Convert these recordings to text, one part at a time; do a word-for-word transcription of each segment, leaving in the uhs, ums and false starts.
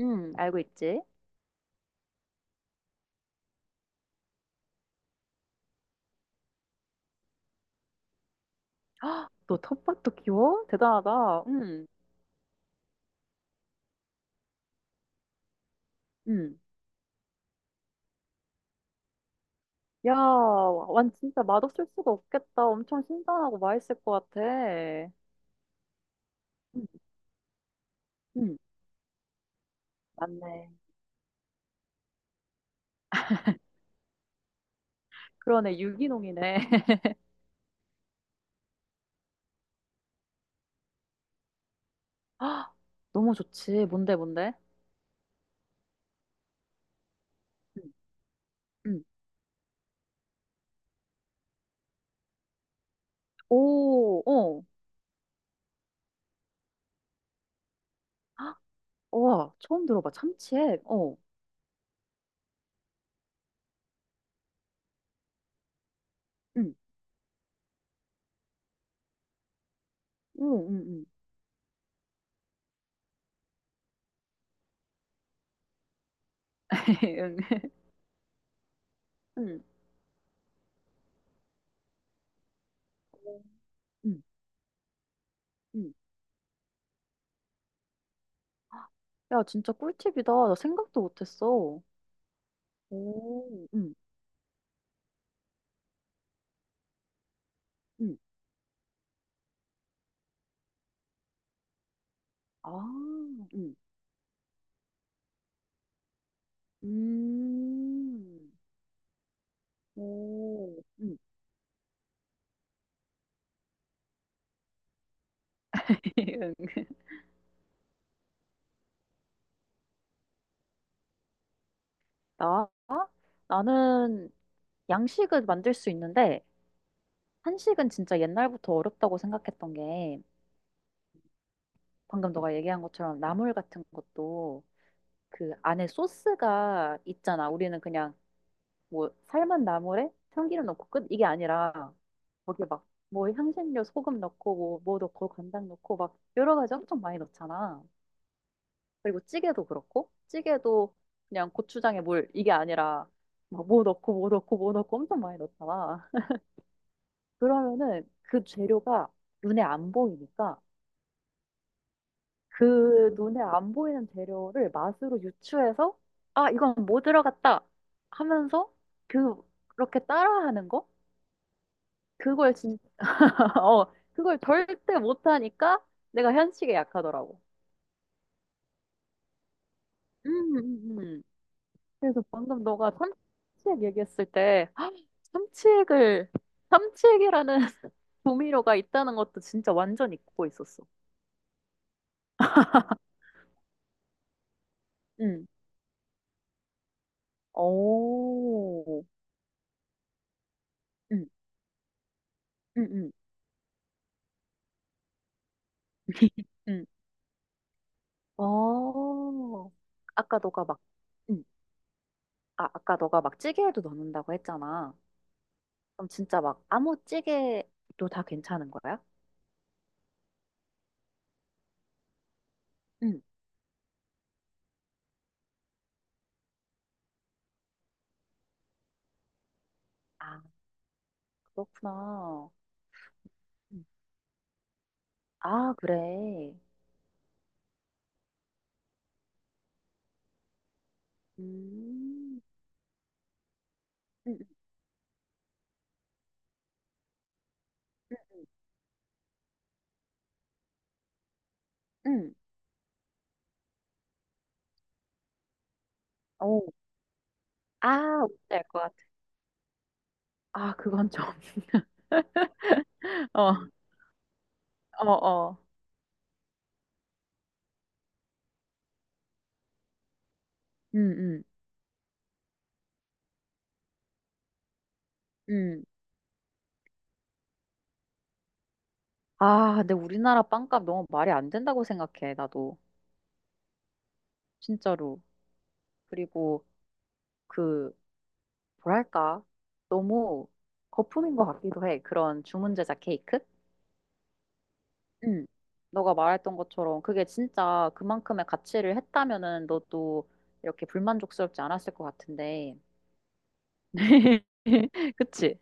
응, 알고 있지? 헉, 너 텃밭도 키워? 대단하다. 응, 응. 야, 완 진짜 맛없을 수가 없겠다. 엄청 신선하고 맛있을 것 같아. 응, 응, 맞네. 그러네. 유기농이네. 아, 너무 좋지. 뭔데, 뭔데? 응, 응. 오, 어. 아, 와, 처음 들어봐. 참치액. 어. 응, 응, 응, 응. 응. 응. 응, 응. 야, 진짜 꿀팁이다. 나 생각도 못했어. 오, 응. 응. 아, 응. 음. 오. 응. 응. 나? 나는 양식은 만들 수 있는데, 한식은 진짜 옛날부터 어렵다고 생각했던 게, 방금 너가 얘기한 것처럼 나물 같은 것도 그 안에 소스가 있잖아. 우리는 그냥 뭐 삶은 나물에 참기름 넣고 끝 이게 아니라, 거기 막 뭐 향신료 소금 넣고 뭐, 뭐 넣고 간장 넣고 막 여러 가지 엄청 많이 넣잖아. 그리고 찌개도 그렇고, 찌개도 그냥 고추장에 물, 이게 아니라 막 뭐 넣고 뭐 넣고 뭐 넣고 엄청 많이 넣잖아. 그러면은 그 재료가 눈에 안 보이니까 그 눈에 안 보이는 재료를 맛으로 유추해서 아, 이건 뭐 들어갔다 하면서 그, 그렇게 따라하는 거? 그걸 진짜, 어, 그걸 절대 못하니까 내가 현식에 약하더라고. 음, 음, 음. 그래서 방금 너가 삼치액 얘기했을 때 헉, 삼치액을 삼치액이라는 조미료가 있다는 것도 진짜 완전 잊고 있었어. 응. 오. 응, 응, 응. 응. 어. 아까 너가 막 응. 아, 아까 너가 막 찌개에도 넣는다고 했잖아. 그럼 진짜 막 아무 찌개도 다 괜찮은 거야? 응. 아, 그렇구나. 응. 아, 그래. 음. 응. 응. 응. 응. 아, 뭔지 알것 같아. 아, 그건 좀. 어, 어, 어. 음, 음, 음. 아, 근데 우리나라 빵값 너무 말이 안 된다고 생각해, 나도. 진짜로. 그리고 그, 뭐랄까. 너무 거품인 것 같기도 해. 그런 주문 제작 케이크? 응. 너가 말했던 것처럼 그게 진짜 그만큼의 가치를 했다면은 너도 이렇게 불만족스럽지 않았을 것 같은데. 그치?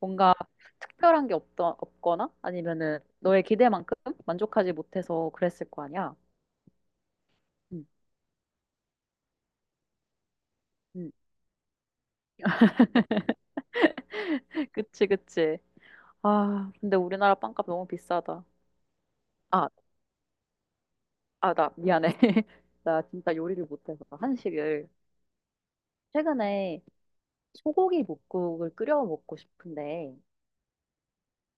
뭔가 특별한 게 없더, 없거나 아니면은 너의 기대만큼 만족하지 못해서 그랬을 거 아니야. 응, 응. 그치, 그치. 아, 근데 우리나라 빵값 너무 비싸다. 아, 아, 나 미안해. 나 진짜 요리를 못해서 한식을. 최근에 소고기 뭇국을 끓여 먹고 싶은데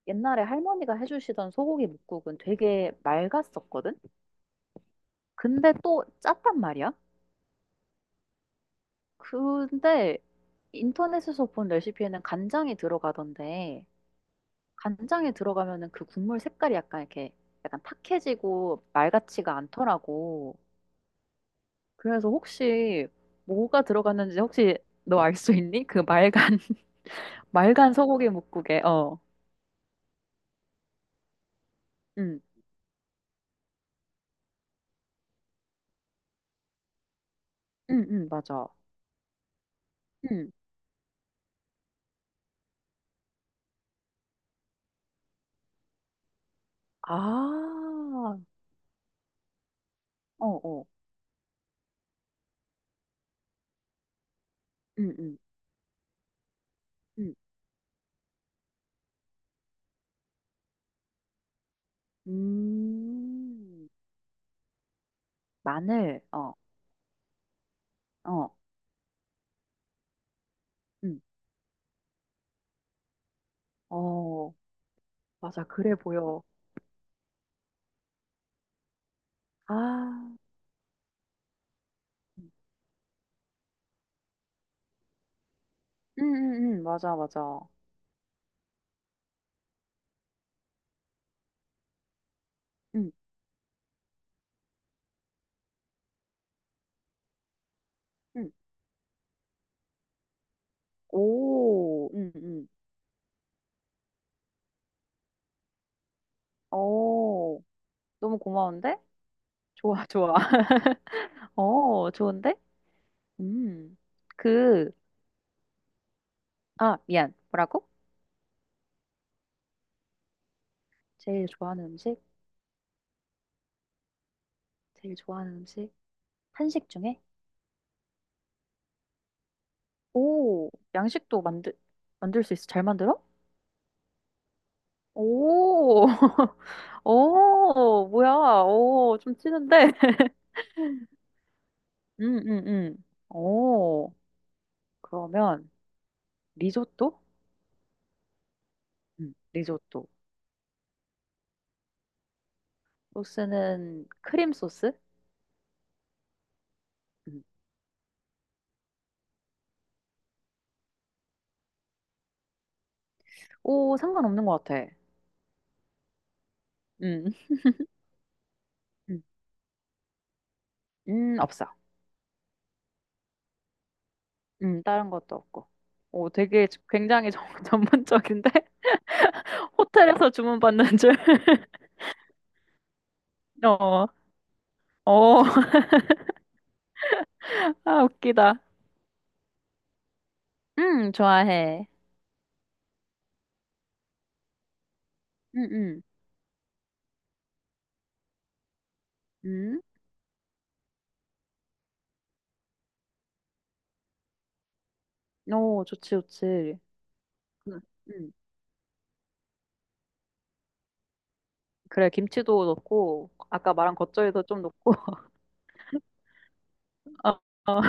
옛날에 할머니가 해주시던 소고기 뭇국은 되게 맑았었거든? 근데 또 짰단 말이야? 근데 인터넷에서 본 레시피에는 간장이 들어가던데 간장에 들어가면은 그 국물 색깔이 약간 이렇게 약간 탁해지고 말같지가 않더라고. 그래서 혹시 뭐가 들어갔는지 혹시 너 알 수 있니? 그 말간 말간 소고기 뭇국에 어. 응. 응, 응, 맞아. 응. 아. 어, 어. 응, 응. 응. 음. 마늘. 어. 어. 응. 어. 맞아. 그래 보여. 아. 응, 응, 응. 맞아, 맞아. 응. 응. 오, 응응 응 어, 너무 고마운데? 좋아, 좋아. 어, 좋은데? 음. 그, 아, 미안. 뭐라고? 제일 좋아하는 음식? 제일 좋아하는 음식? 한식 중에? 오, 양식도 만들, 만들 수 있어. 잘 만들어? 오, 오, 뭐야. 오, 좀 찌는데? 음, 음, 음. 오, 그러면, 리조또? 음, 리조또. 소스는 크림 소스? 오, 상관없는 것 같아. 음, 음, 음, 없어. 음, 다른 것도 없고. 오, 되게 저- 굉장히 전- 전문적인데? 호텔에서 주문받는 줄. 어, 어, 아, 웃기다. 음, 좋아해. 음, 음, 음. 오, 좋지, 좋지. 음, 음. 그래, 김치도 넣고, 아까 말한 겉절이도 좀 넣고. 어, 어.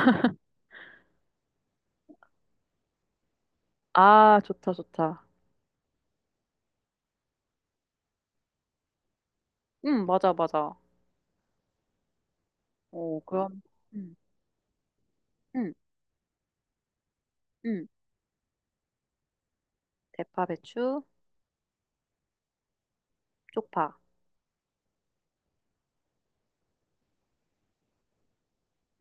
아, 좋다, 좋다. 음, 맞아, 맞아. 오, 그럼. 음, 음, 음. 대파, 배추, 쪽파.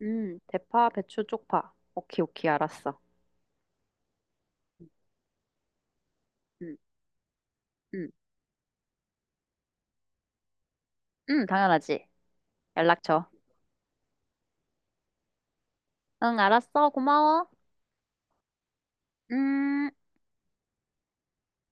음, 대파, 배추, 쪽파. 오케이, 오케이, 알았어. 음, 음, 음, 당연하지. 연락 줘. 응, 알았어. 고마워. 음.